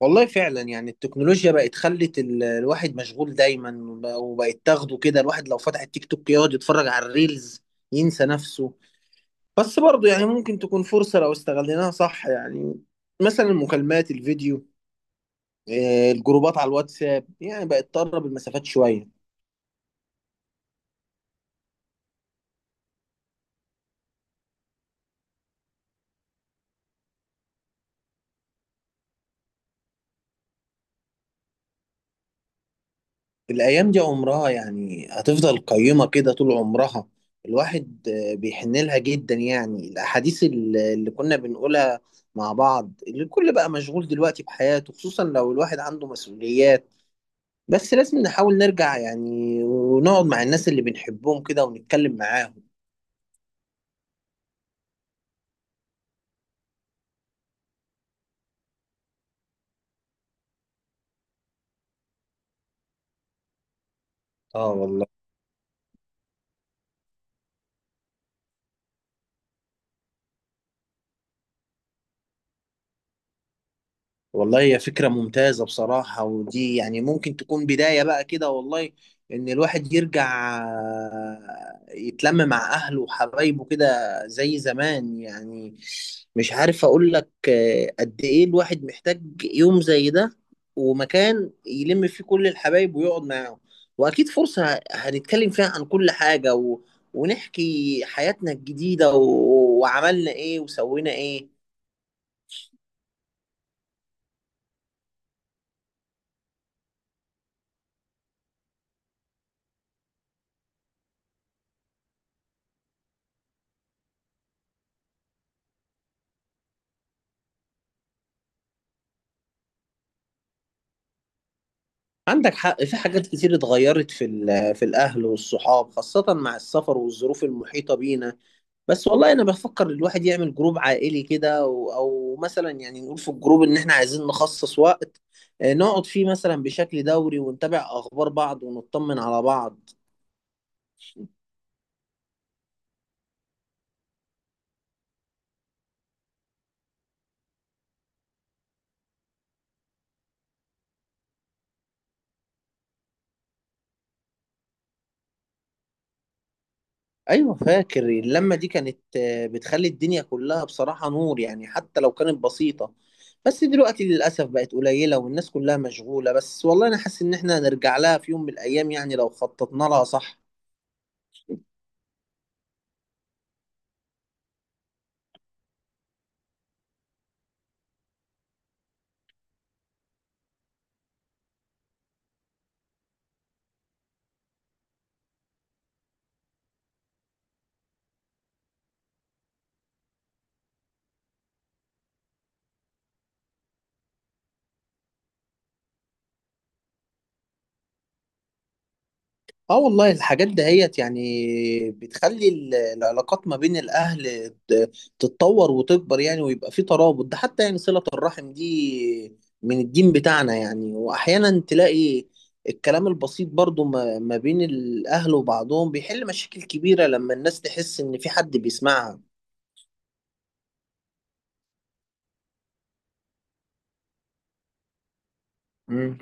والله فعلا يعني التكنولوجيا بقت خلت الواحد مشغول دايما وبقت تاخده كده. الواحد لو فتح التيك توك يقعد يتفرج على الريلز، ينسى نفسه. بس برضه يعني ممكن تكون فرصة لو استغليناها صح، يعني مثلا المكالمات الفيديو، الجروبات على الواتساب يعني بقت تقرب المسافات شوية. الأيام دي عمرها يعني هتفضل قيمة كده طول عمرها. الواحد بيحن لها جدا، يعني الأحاديث اللي كنا بنقولها مع بعض، اللي الكل بقى مشغول دلوقتي بحياته، خصوصا لو الواحد عنده مسؤوليات. بس لازم نحاول نرجع يعني، ونقعد مع الناس اللي بنحبهم كده ونتكلم معاهم. اه والله. والله، هي فكرة ممتازة بصراحة، ودي يعني ممكن تكون بداية بقى كده والله. إن الواحد يرجع يتلم مع أهله وحبايبه كده زي زمان يعني. مش عارف أقول لك، قد إيه الواحد محتاج يوم زي ده، ومكان يلم فيه كل الحبايب ويقعد معاهم. وأكيد فرصة هنتكلم فيها عن كل حاجة ونحكي حياتنا الجديدة وعملنا إيه وسوينا إيه. عندك حق. في حاجات كتير اتغيرت في في الاهل والصحاب، خاصة مع السفر والظروف المحيطة بينا. بس والله انا بفكر الواحد يعمل جروب عائلي كده او مثلا، يعني نقول في الجروب ان احنا عايزين نخصص وقت، نقعد فيه مثلا بشكل دوري ونتابع اخبار بعض ونطمن على بعض. ايوه، فاكر اللمه دي كانت بتخلي الدنيا كلها بصراحه نور، يعني حتى لو كانت بسيطه. بس دلوقتي للاسف بقت قليله والناس كلها مشغوله. بس والله انا حاسس ان احنا هنرجع لها في يوم من الايام، يعني لو خططنا لها صح. اه والله. الحاجات دهيت يعني بتخلي العلاقات ما بين الاهل تتطور وتكبر يعني، ويبقى في ترابط. ده حتى يعني صلة الرحم دي من الدين بتاعنا يعني. واحيانا تلاقي الكلام البسيط برضو ما بين الاهل وبعضهم بيحل مشاكل كبيرة لما الناس تحس ان في حد بيسمعها. مم.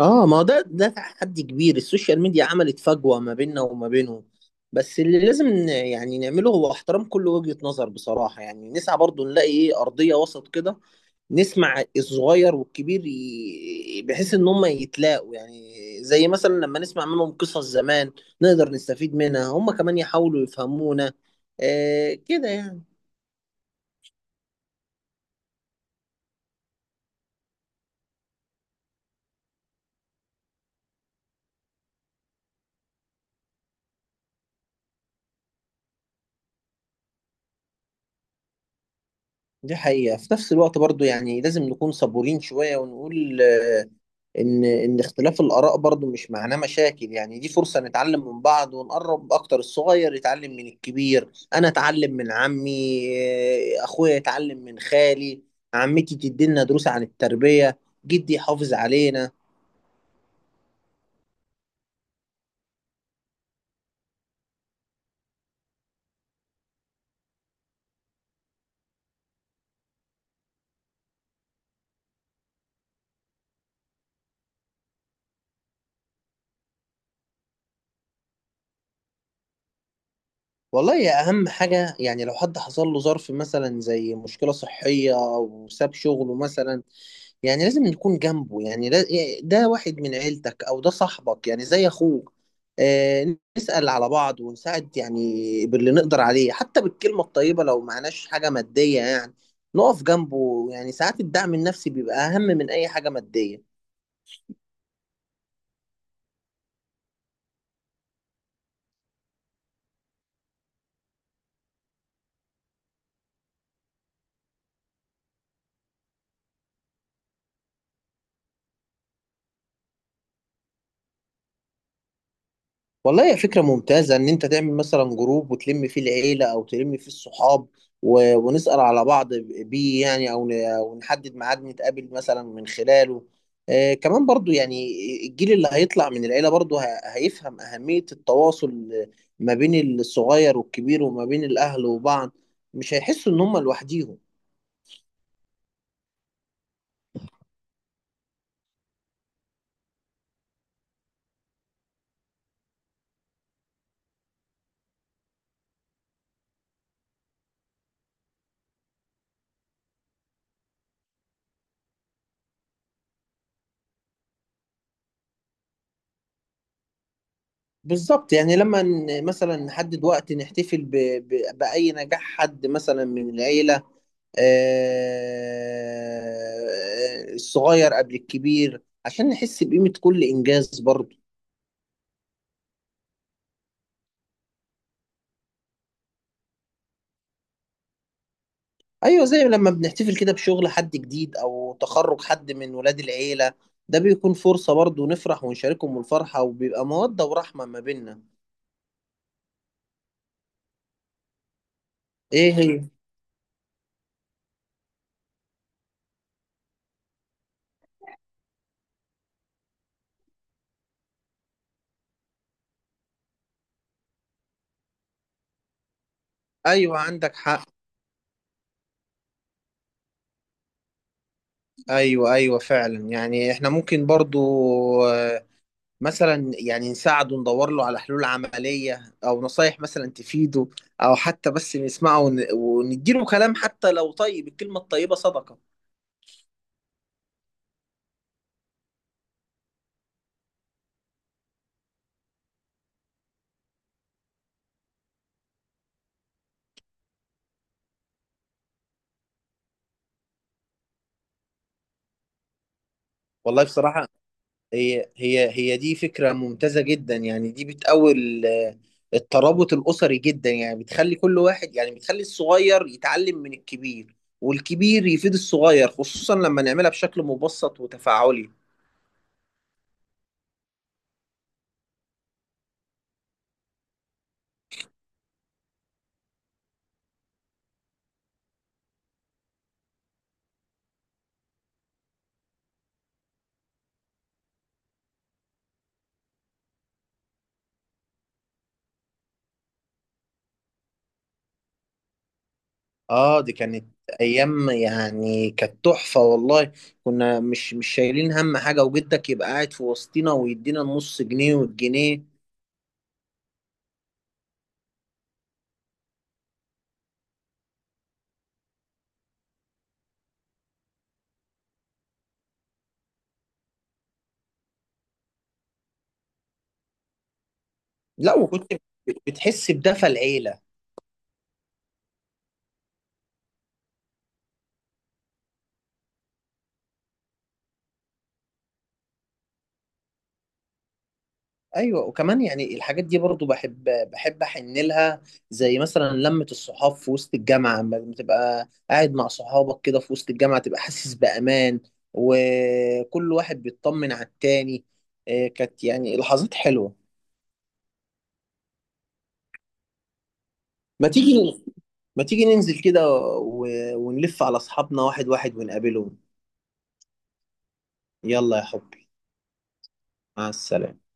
اه، ما هو ده تحدي كبير. السوشيال ميديا عملت فجوة ما بيننا وما بينهم. بس اللي لازم يعني نعمله هو احترام كل وجهة نظر، بصراحة يعني نسعى برضو نلاقي ايه أرضية وسط كده. نسمع الصغير والكبير بحيث ان هم يتلاقوا يعني. زي مثلا لما نسمع منهم قصص زمان نقدر نستفيد منها، هم كمان يحاولوا يفهمونا، كده يعني. دي حقيقة. في نفس الوقت برضو يعني لازم نكون صبورين شوية، ونقول ان اختلاف الاراء برضو مش معناه مشاكل، يعني دي فرصه نتعلم من بعض ونقرب اكتر، الصغير يتعلم من الكبير. انا اتعلم من عمي، اخويا يتعلم من خالي. عمتي تدينا دروس عن التربيه، جدي يحافظ علينا. والله يا، اهم حاجه يعني لو حد حصل له ظرف مثلا زي مشكله صحيه او ساب شغله مثلا، يعني لازم نكون جنبه، يعني لا- إيه، ده واحد من عيلتك او ده صاحبك يعني زي اخوك. نسأل على بعض ونساعد يعني باللي نقدر عليه، حتى بالكلمة الطيبة لو معناش حاجة مادية يعني. نقف جنبه. يعني ساعات الدعم النفسي بيبقى أهم من أي حاجة مادية. والله هي فكرة ممتازة إن أنت تعمل مثلا جروب وتلم فيه العيلة أو تلم فيه الصحاب، ونسأل على بعض بيه يعني، أو أو نحدد ميعاد نتقابل مثلا من خلاله. كمان برضو يعني الجيل اللي هيطلع من العيلة برضو هيفهم أهمية التواصل ما بين الصغير والكبير وما بين الأهل وبعض، مش هيحسوا إن هم لوحديهم. بالظبط. يعني لما مثلا نحدد وقت نحتفل بأي نجاح حد مثلا من العيلة، الصغير قبل الكبير، عشان نحس بقيمة كل إنجاز برضه. أيوة، زي لما بنحتفل كده بشغل حد جديد أو تخرج حد من ولاد العيلة، ده بيكون فرصة برضه نفرح ونشاركهم الفرحة، وبيبقى مودة ورحمة ما بيننا. إيه هي؟ أيوة، عندك حق. أيوة، أيوة، فعلا يعني إحنا ممكن برضه، مثلا يعني نساعده ندور له على حلول عملية، أو نصايح مثلا تفيده، أو حتى بس نسمعه ونديله كلام. حتى لو، طيب الكلمة الطيبة صدقة. والله بصراحة، هي دي فكرة ممتازة جدا، يعني دي بتقوي الترابط الأسري جدا، يعني بتخلي كل واحد يعني، بتخلي الصغير يتعلم من الكبير، والكبير يفيد الصغير، خصوصا لما نعملها بشكل مبسط وتفاعلي. اه، دي كانت ايام يعني، كانت تحفه والله. كنا مش شايلين هم حاجه، وجدك يبقى قاعد في وسطنا ويدينا النص جنيه والجنيه. لا، وكنت بتحس بدفى العيله. ايوه، وكمان يعني الحاجات دي برضو بحب احن لها، زي مثلا لمه الصحاب في وسط الجامعه، لما تبقى قاعد مع صحابك كده في وسط الجامعه تبقى حاسس بامان، وكل واحد بيطمن على التاني، كانت يعني لحظات حلوه. ما تيجي ما تيجي ننزل كده و... ونلف على أصحابنا واحد واحد ونقابلهم. يلا يا حبي. مع السلامة.